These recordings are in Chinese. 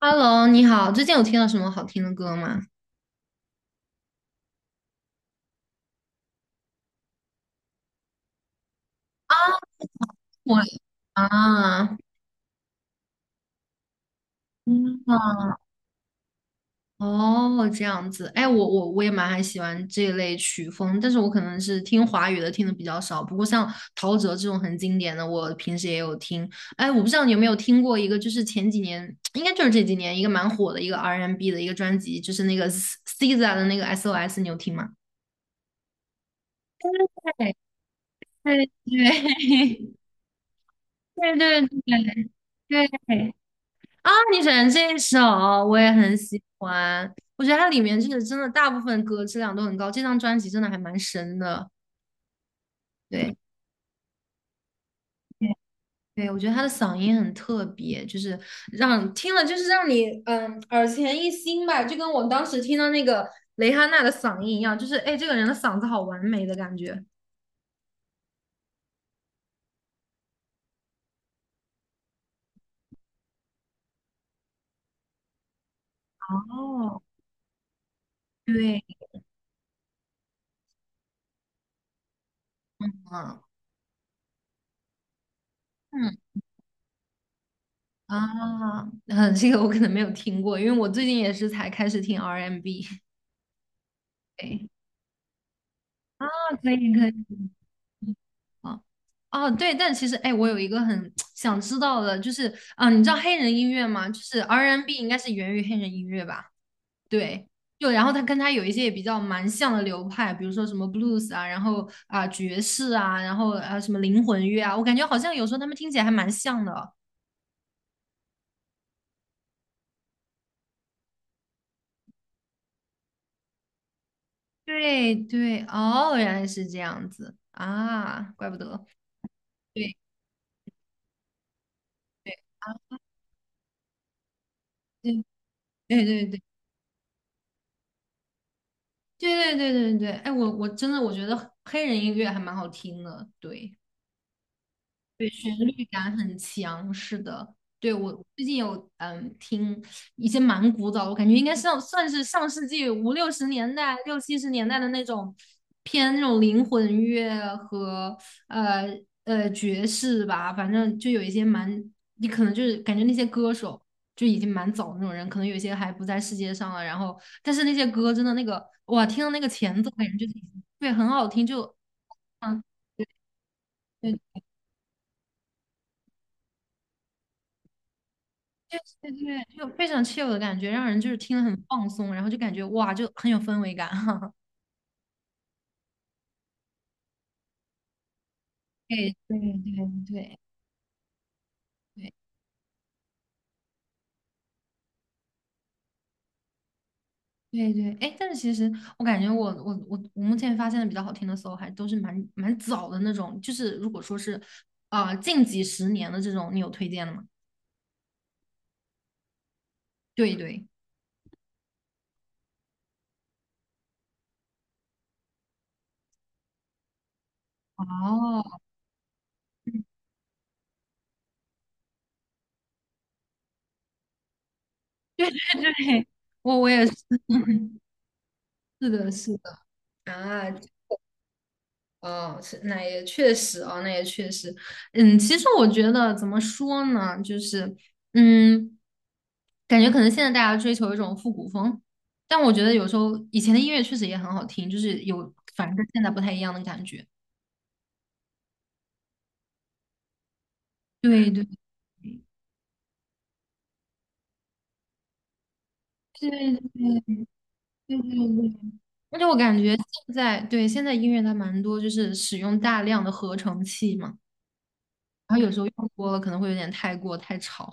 Hello，你好，最近有听到什么好听的歌吗？啊，我。啊，嗯。哦，这样子。哎，我也蛮还喜欢这一类曲风，但是我可能是听华语的听的比较少，不过像陶喆这种很经典的，我平时也有听。哎，我不知道你有没有听过一个，就是前几年，应该就是这几年一个蛮火的一个 R&B 的一个专辑，就是那个 SZA 的那个 SOS，你有听吗？对对对 对对对对。啊，你选这首我也很喜欢，我觉得它里面就是真的大部分歌质量都很高，这张专辑真的还蛮神的。对，对，对，我觉得他的嗓音很特别，就是让听了就是让你耳前一新吧，就跟我当时听到那个蕾哈娜的嗓音一样，就是哎这个人的嗓子好完美的感觉。哦，对，嗯嗯啊，嗯，这个我可能没有听过，因为我最近也是才开始听 R&B。对啊，可以可以。啊，哦，对，但其实哎，我有一个很 想知道的，就是啊，你知道黑人音乐吗？就是 R&B 应该是源于黑人音乐吧？对，就然后它跟它有一些也比较蛮像的流派，比如说什么 blues 啊，然后啊爵士啊，然后啊什么灵魂乐啊，我感觉好像有时候他们听起来还蛮像的。对对，哦，原来是这样子啊，怪不得。对对对对对对对对对对，哎，我真的我觉得黑人音乐还蛮好听的，对。对，旋律感很强，是的。对，我最近有听一些蛮古早的，我感觉应该上算是上世纪五六十年代、六七十年代的那种偏那种灵魂乐和呃爵士吧，反正就有一些蛮，你可能就是感觉那些歌手就已经蛮早的那种人，可能有一些还不在世界上了，然后但是那些歌真的那个哇，听到那个前奏感觉就是对很好听，就嗯。对。对对对，就非常 chill 的感觉，让人就是听了很放松，然后就感觉哇，就很有氛围感。哈，对对对对对对对，哎，但是其实我感觉我目前发现的比较好听的 soul 还都是蛮早的那种，就是如果说是近几十年的这种，你有推荐的吗？对对，哦，对对，我也是，是的，是的。啊，哦，是那也确实啊，那也确实。嗯，其实我觉得怎么说呢，就是。嗯，感觉可能现在大家追求一种复古风，但我觉得有时候以前的音乐确实也很好听，就是有反正跟现在不太一样的感觉。对对对对对对对，而且我感觉现在对现在音乐它蛮多，就是使用大量的合成器嘛，然后有时候用多了可能会有点太过太吵。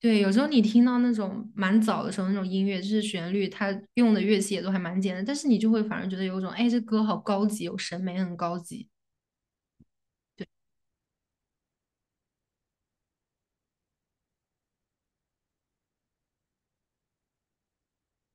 对，有时候你听到那种蛮早的时候那种音乐，就是旋律，它用的乐器也都还蛮简单，但是你就会反而觉得有一种，哎，这歌好高级，有审美很高级。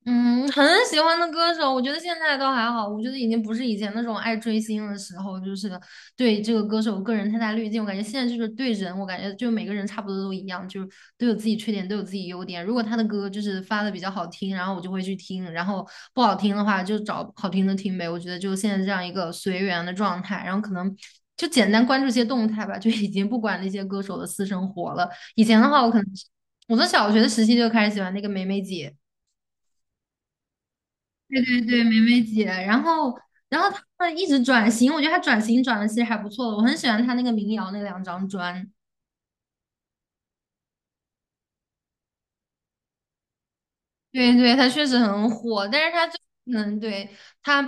嗯，很喜欢的歌手，我觉得现在倒还好，我觉得已经不是以前那种爱追星的时候，就是对这个歌手个人太大滤镜。我感觉现在就是对人，我感觉就每个人差不多都一样，就是都有自己缺点，都有自己优点。如果他的歌就是发的比较好听，然后我就会去听，然后不好听的话就找好听的听呗。我觉得就现在这样一个随缘的状态，然后可能就简单关注一些动态吧，就已经不管那些歌手的私生活了。以前的话，我可能我从小学的时期就开始喜欢那个梅梅姐。对对，梅梅姐，然后然后她一直转型，我觉得她转型转的其实还不错的，我很喜欢她那个民谣那两张专。对对，她确实很火，但是她就嗯，对，她，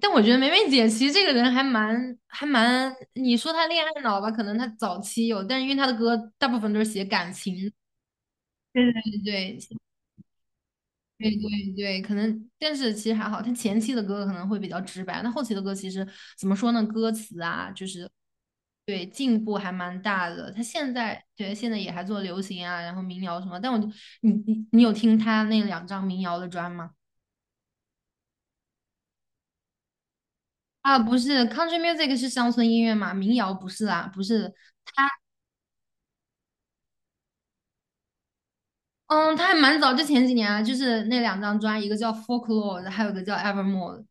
但我觉得梅梅姐其实这个人还蛮，你说她恋爱脑吧，可能她早期有，但是因为她的歌大部分都是写感情，对对对对，对对对，可能，但是其实还好，他前期的歌可能会比较直白，那后期的歌其实怎么说呢？歌词啊，就是对进步还蛮大的。他现在对现在也还做流行啊，然后民谣什么。但我就你有听他那两张民谣的专吗？啊，不是，country music 是乡村音乐嘛，民谣不是啊，不是他，嗯，他还蛮早，就前几年啊，就是那两张专，一个叫 Folklore,还有一个叫 Evermore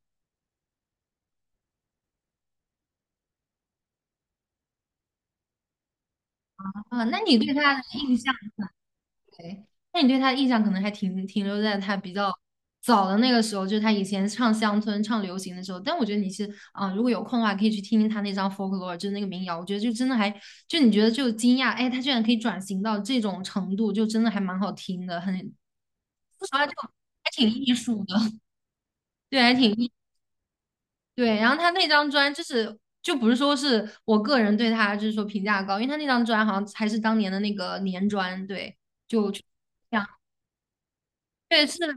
啊。那你对他的印象？哎，那你对他的印象可能还停留在他比较早的那个时候，就是他以前唱乡村、唱流行的时候。但我觉得你是，如果有空的话，可以去听听他那张《Folklore》,就是那个民谣。我觉得就真的还，就你觉得就惊讶，哎，他居然可以转型到这种程度，就真的还蛮好听的，很，说实话就还挺艺术的，对，还挺艺，对。然后他那张专就是。就不是说是我个人对他就是说评价高，因为他那张专好像还是当年的那个年专，对，就。对，是当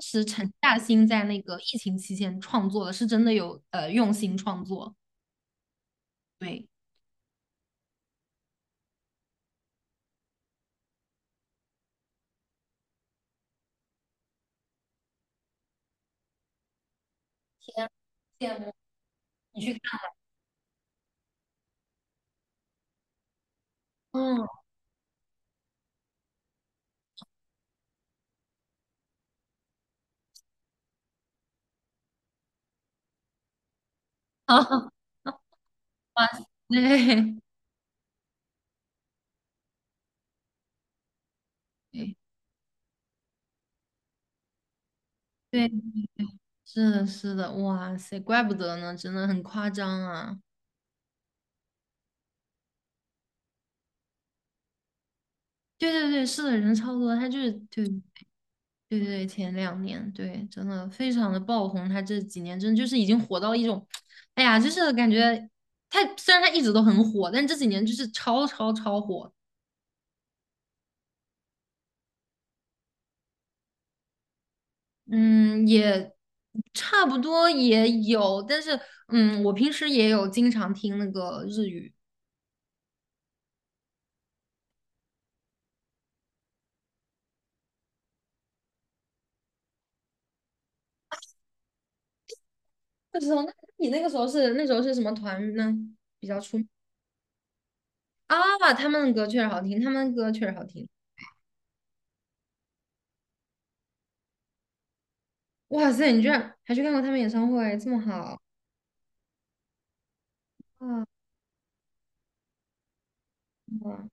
时陈嘉欣在那个疫情期间创作的，是真的有用心创作。对，羡慕你去看，嗯，啊，哇塞，对对对，是的，是的，哇塞，怪不得呢，真的很夸张啊。对对对，是的，人超多，他就是对对对，前两年对，真的非常的爆红，他这几年真的就是已经火到一种，哎呀，就是感觉他虽然他一直都很火，但这几年就是超超超火。嗯，也差不多也有，但是我平时也有经常听那个日语。不知道，那时候是什么团呢？比较出名啊，他们的歌确实好听，他们的歌确实好听。哇塞，你居然还去看过他们演唱会，这么好啊！哇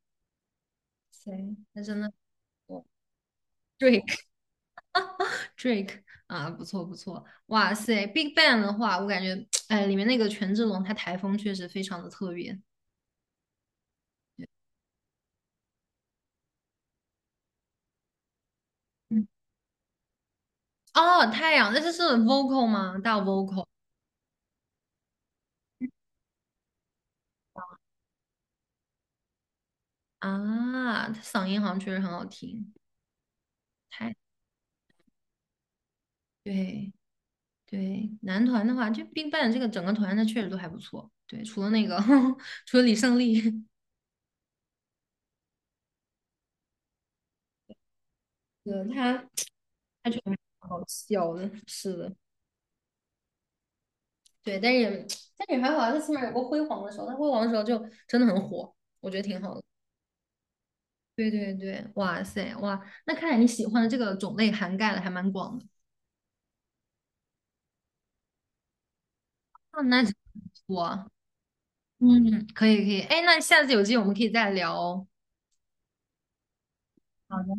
塞，那真的不 Drake Drake 啊，不错不错。哇塞，Big Bang 的话，我感觉 哎，里面那个权志龙他台风确实非常的特别。哦，太阳，那这是 vocal 吗？大 vocal 啊，他嗓音好像确实很好听。太，对对，男团的话，就 BigBang 这个整个团，他确实都还不错。对，除了那个，除了李胜利，对，他确实蛮好笑的，是的，对，但是还好啊，他起码有过辉煌的时候，他辉煌的时候就真的很火，我觉得挺好的。对对对，哇塞哇，那看来你喜欢的这个种类涵盖的还蛮广的。啊，那真不错嗯，可以可以，哎，那下次有机会我们可以再聊哦。好的。